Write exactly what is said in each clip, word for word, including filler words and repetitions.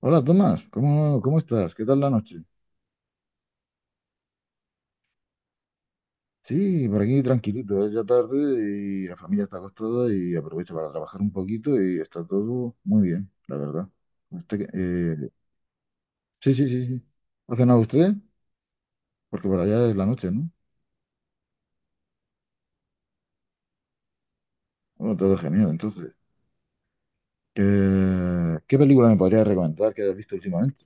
Hola Tomás, ¿cómo, cómo estás? ¿Qué tal la noche? Sí, por aquí tranquilito, es ya tarde y la familia está acostada y aprovecho para trabajar un poquito y está todo muy bien, la verdad. Usted, que- eh, sí, sí, sí, sí. ¿Ha cenado usted? Porque por allá es la noche, ¿no? Bueno, todo genial, entonces. ¿Qué, ¿Qué película me podría recomendar que hayas visto últimamente?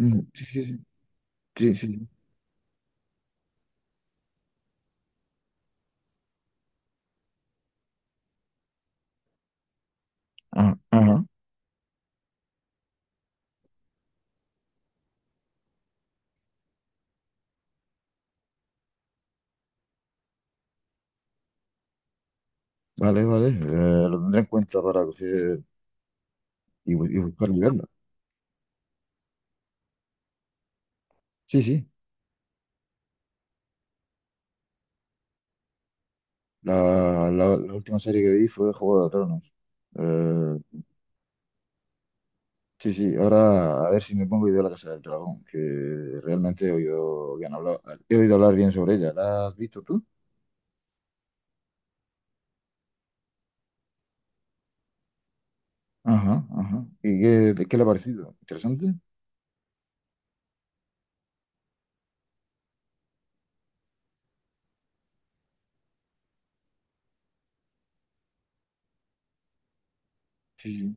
Mm, sí, sí, sí. Sí, sí, sí. Ah, ajá. Vale, vale. Eh, lo tendré en cuenta para coger y, bu- y buscar y verla. Sí, sí. La, la- la última serie que vi fue Juego de Tronos. Eh, sí, sí, ahora a ver si me pongo y veo La Casa del Dragón, que realmente he oído, bien hablar, he oído hablar bien sobre ella. ¿La has visto tú? Ajá, ajá. ¿Y qué, ¿qué le ha parecido? ¿Interesante? Sí,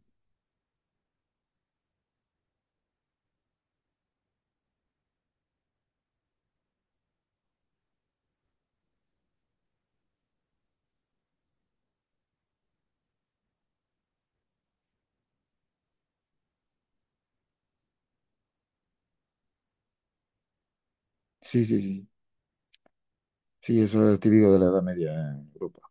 sí, sí, sí. Sí, sí, eso es típico de la Edad Media en Europa.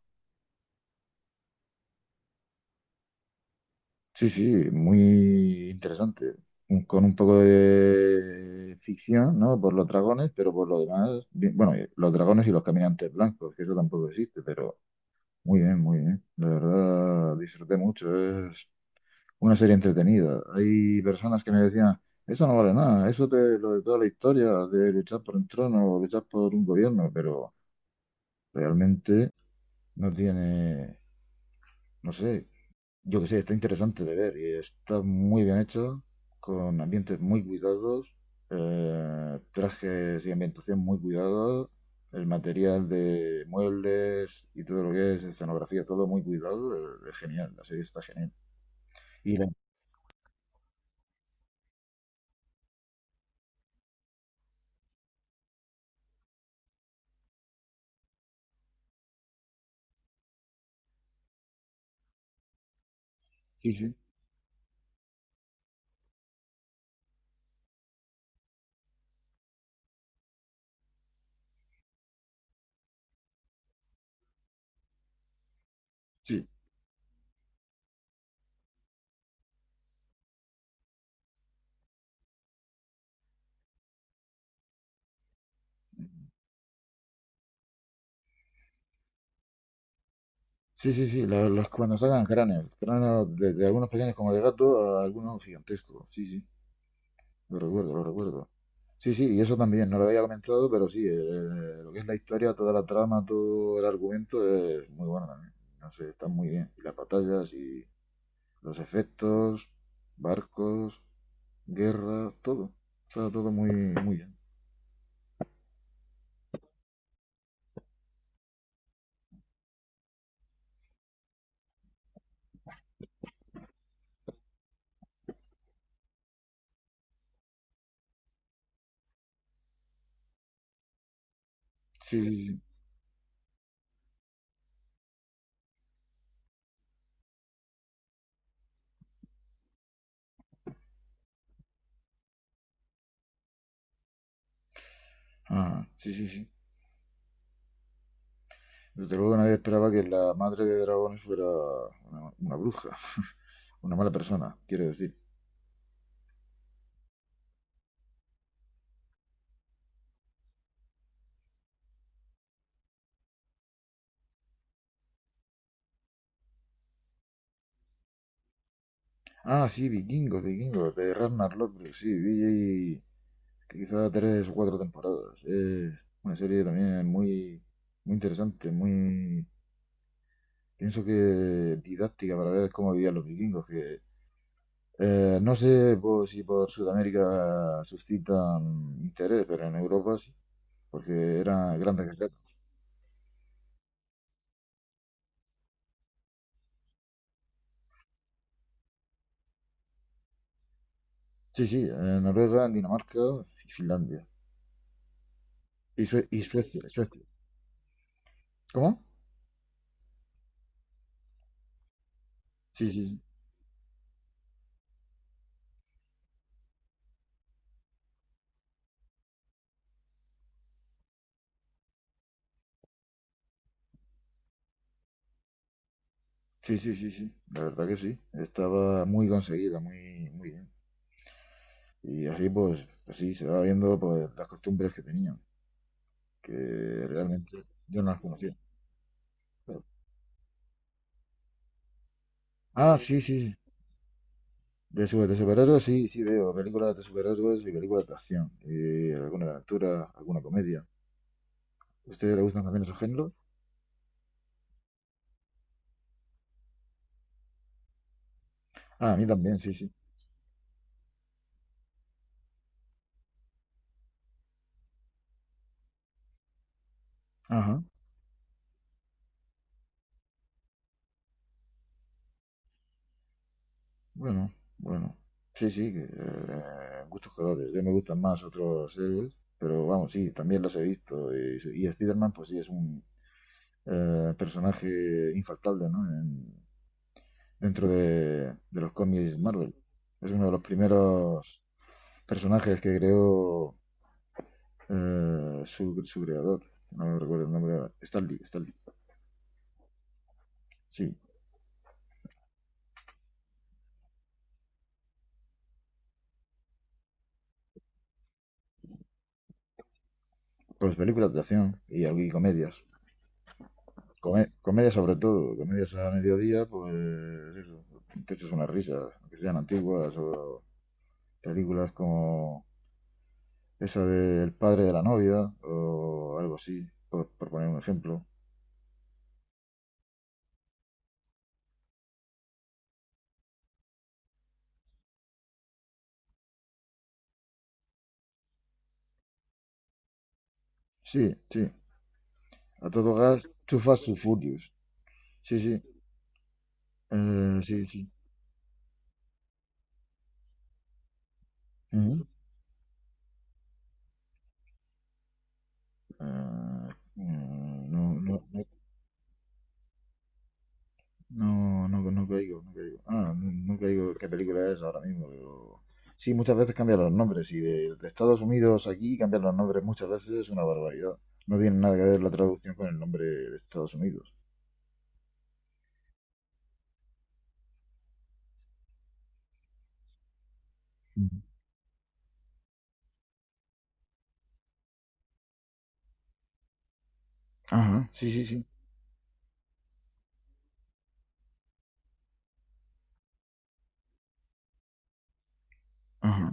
Sí, sí, muy interesante. Un- Con un poco de ficción, ¿no? Por los dragones, pero por lo demás, bien- bueno, y los dragones y los caminantes blancos, que eso tampoco existe, pero... Muy bien, muy bien. La verdad, disfruté mucho. Es una serie entretenida. Hay personas que me decían, eso no vale nada, eso de lo de toda la historia, de luchar por un trono o luchar por un gobierno, pero realmente no tiene, no sé, yo que sé, está interesante de ver y está muy bien hecho, con ambientes muy cuidados, eh, trajes y ambientación muy cuidada, el material de muebles y todo lo que es escenografía, todo muy cuidado, eh, es genial, la serie está genial. Y la- sí, sí, sí. Sí, sí, sí, la- las, cuando sacan cráneos, cráneos desde algunos pequeños como de gato a algunos gigantescos, sí, sí. Lo recuerdo, lo recuerdo. Sí, sí, y eso también, no lo había comentado, pero sí, eh, eh, lo que es la historia, toda la trama, todo el argumento es muy bueno también. No sé, está muy bien. Y las batallas y los efectos, barcos, guerra, todo. Está todo muy, muy bien. Sí, sí, sí. Ajá, sí, sí, sí. Desde luego nadie esperaba que la madre de dragones fuera una, una bruja, una mala persona, quiero decir. Ah, sí, vikingos, vikingos, de Ragnar Lothbrok, sí, vi quizá tres o cuatro temporadas. Es una serie también muy, muy interesante, muy, pienso que didáctica para ver cómo vivían los vikingos, que eh, no sé pues, si por Sudamérica suscitan interés, pero en Europa sí, porque eran grandes guerreros. Sí, sí, en Noruega, en Dinamarca y Finlandia. Y, Sue- y Suecia, Suecia. ¿Cómo? Sí, sí, sí, sí, sí, sí, sí. La verdad que sí. Estaba muy conseguida, muy, muy bien. Y así pues, así se va viendo pues, las costumbres que tenían, que realmente yo no las conocía. Pero... Ah, sí, sí, sí. De, su- de superhéroes, sí, sí, veo películas de superhéroes y películas de acción, y alguna aventura, alguna comedia. ¿A ustedes les gustan también esos géneros? Ah, a mí también, sí, sí. Ajá, bueno, bueno. Sí, sí, que, eh, gustos colores. Yo me gustan más otros héroes, pero vamos, sí, también los he visto. Y, y Spider-Man, pues sí, es un eh, personaje infaltable, ¿no? Dentro de, de los cómics Marvel. Es uno de los primeros personajes que creó eh, su, su creador. No recuerdo el nombre ahora. Stanley, Stanley. Sí, pues películas de acción y, y comedias. Come- comedia sobre todo, comedias a mediodía, pues eso, te echas unas risas, que sean antiguas o películas como esa del padre de la novia o algo así, por, por poner un ejemplo. Sí, sí, a todo gas, too fast, too furious. Sí, sí, Eh, sí, sí. Ujú. Ah, mm, no, no, no, no, no, no caigo, no caigo. Ah, no, no caigo qué película es ahora mismo, pero... Sí, muchas veces cambian los nombres y de, de Estados Unidos aquí cambian los nombres muchas veces es una barbaridad. No tiene nada que ver la traducción con el nombre de Estados Unidos. Ujú. Ajá, sí, sí, sí. Ajá.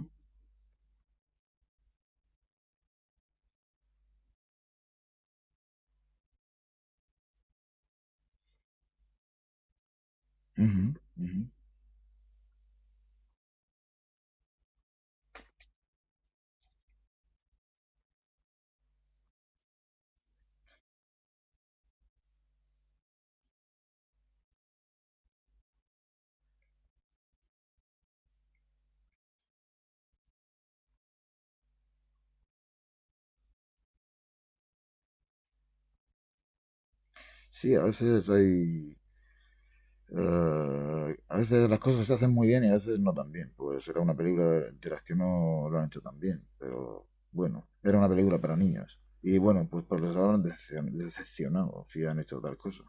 Ujú, ujú. Sí, a veces hay... Eh, a veces las cosas se hacen muy bien y a veces no tan bien. Pues era una película de las que no lo han hecho tan bien, pero bueno, era una película para niños. Y bueno, pues, pues les habrán decepcion- decepcionado si han hecho tal cosa.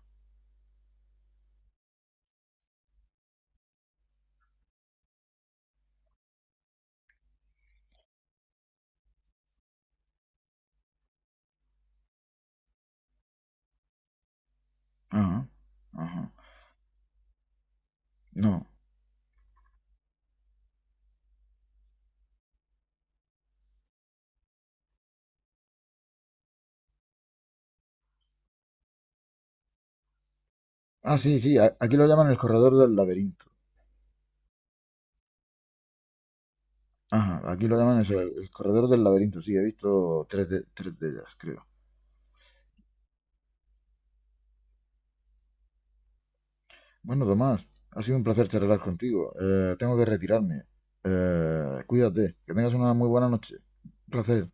Ajá, ajá. No. Ah, sí, sí, a- aquí lo llaman el corredor del laberinto. Ajá, aquí lo llaman eso, el el corredor del laberinto. Sí, he visto tres de, tres de ellas, creo. Bueno, Tomás, ha sido un placer charlar contigo. Eh, tengo que retirarme. Eh, cuídate, que tengas una muy buena noche. Un placer.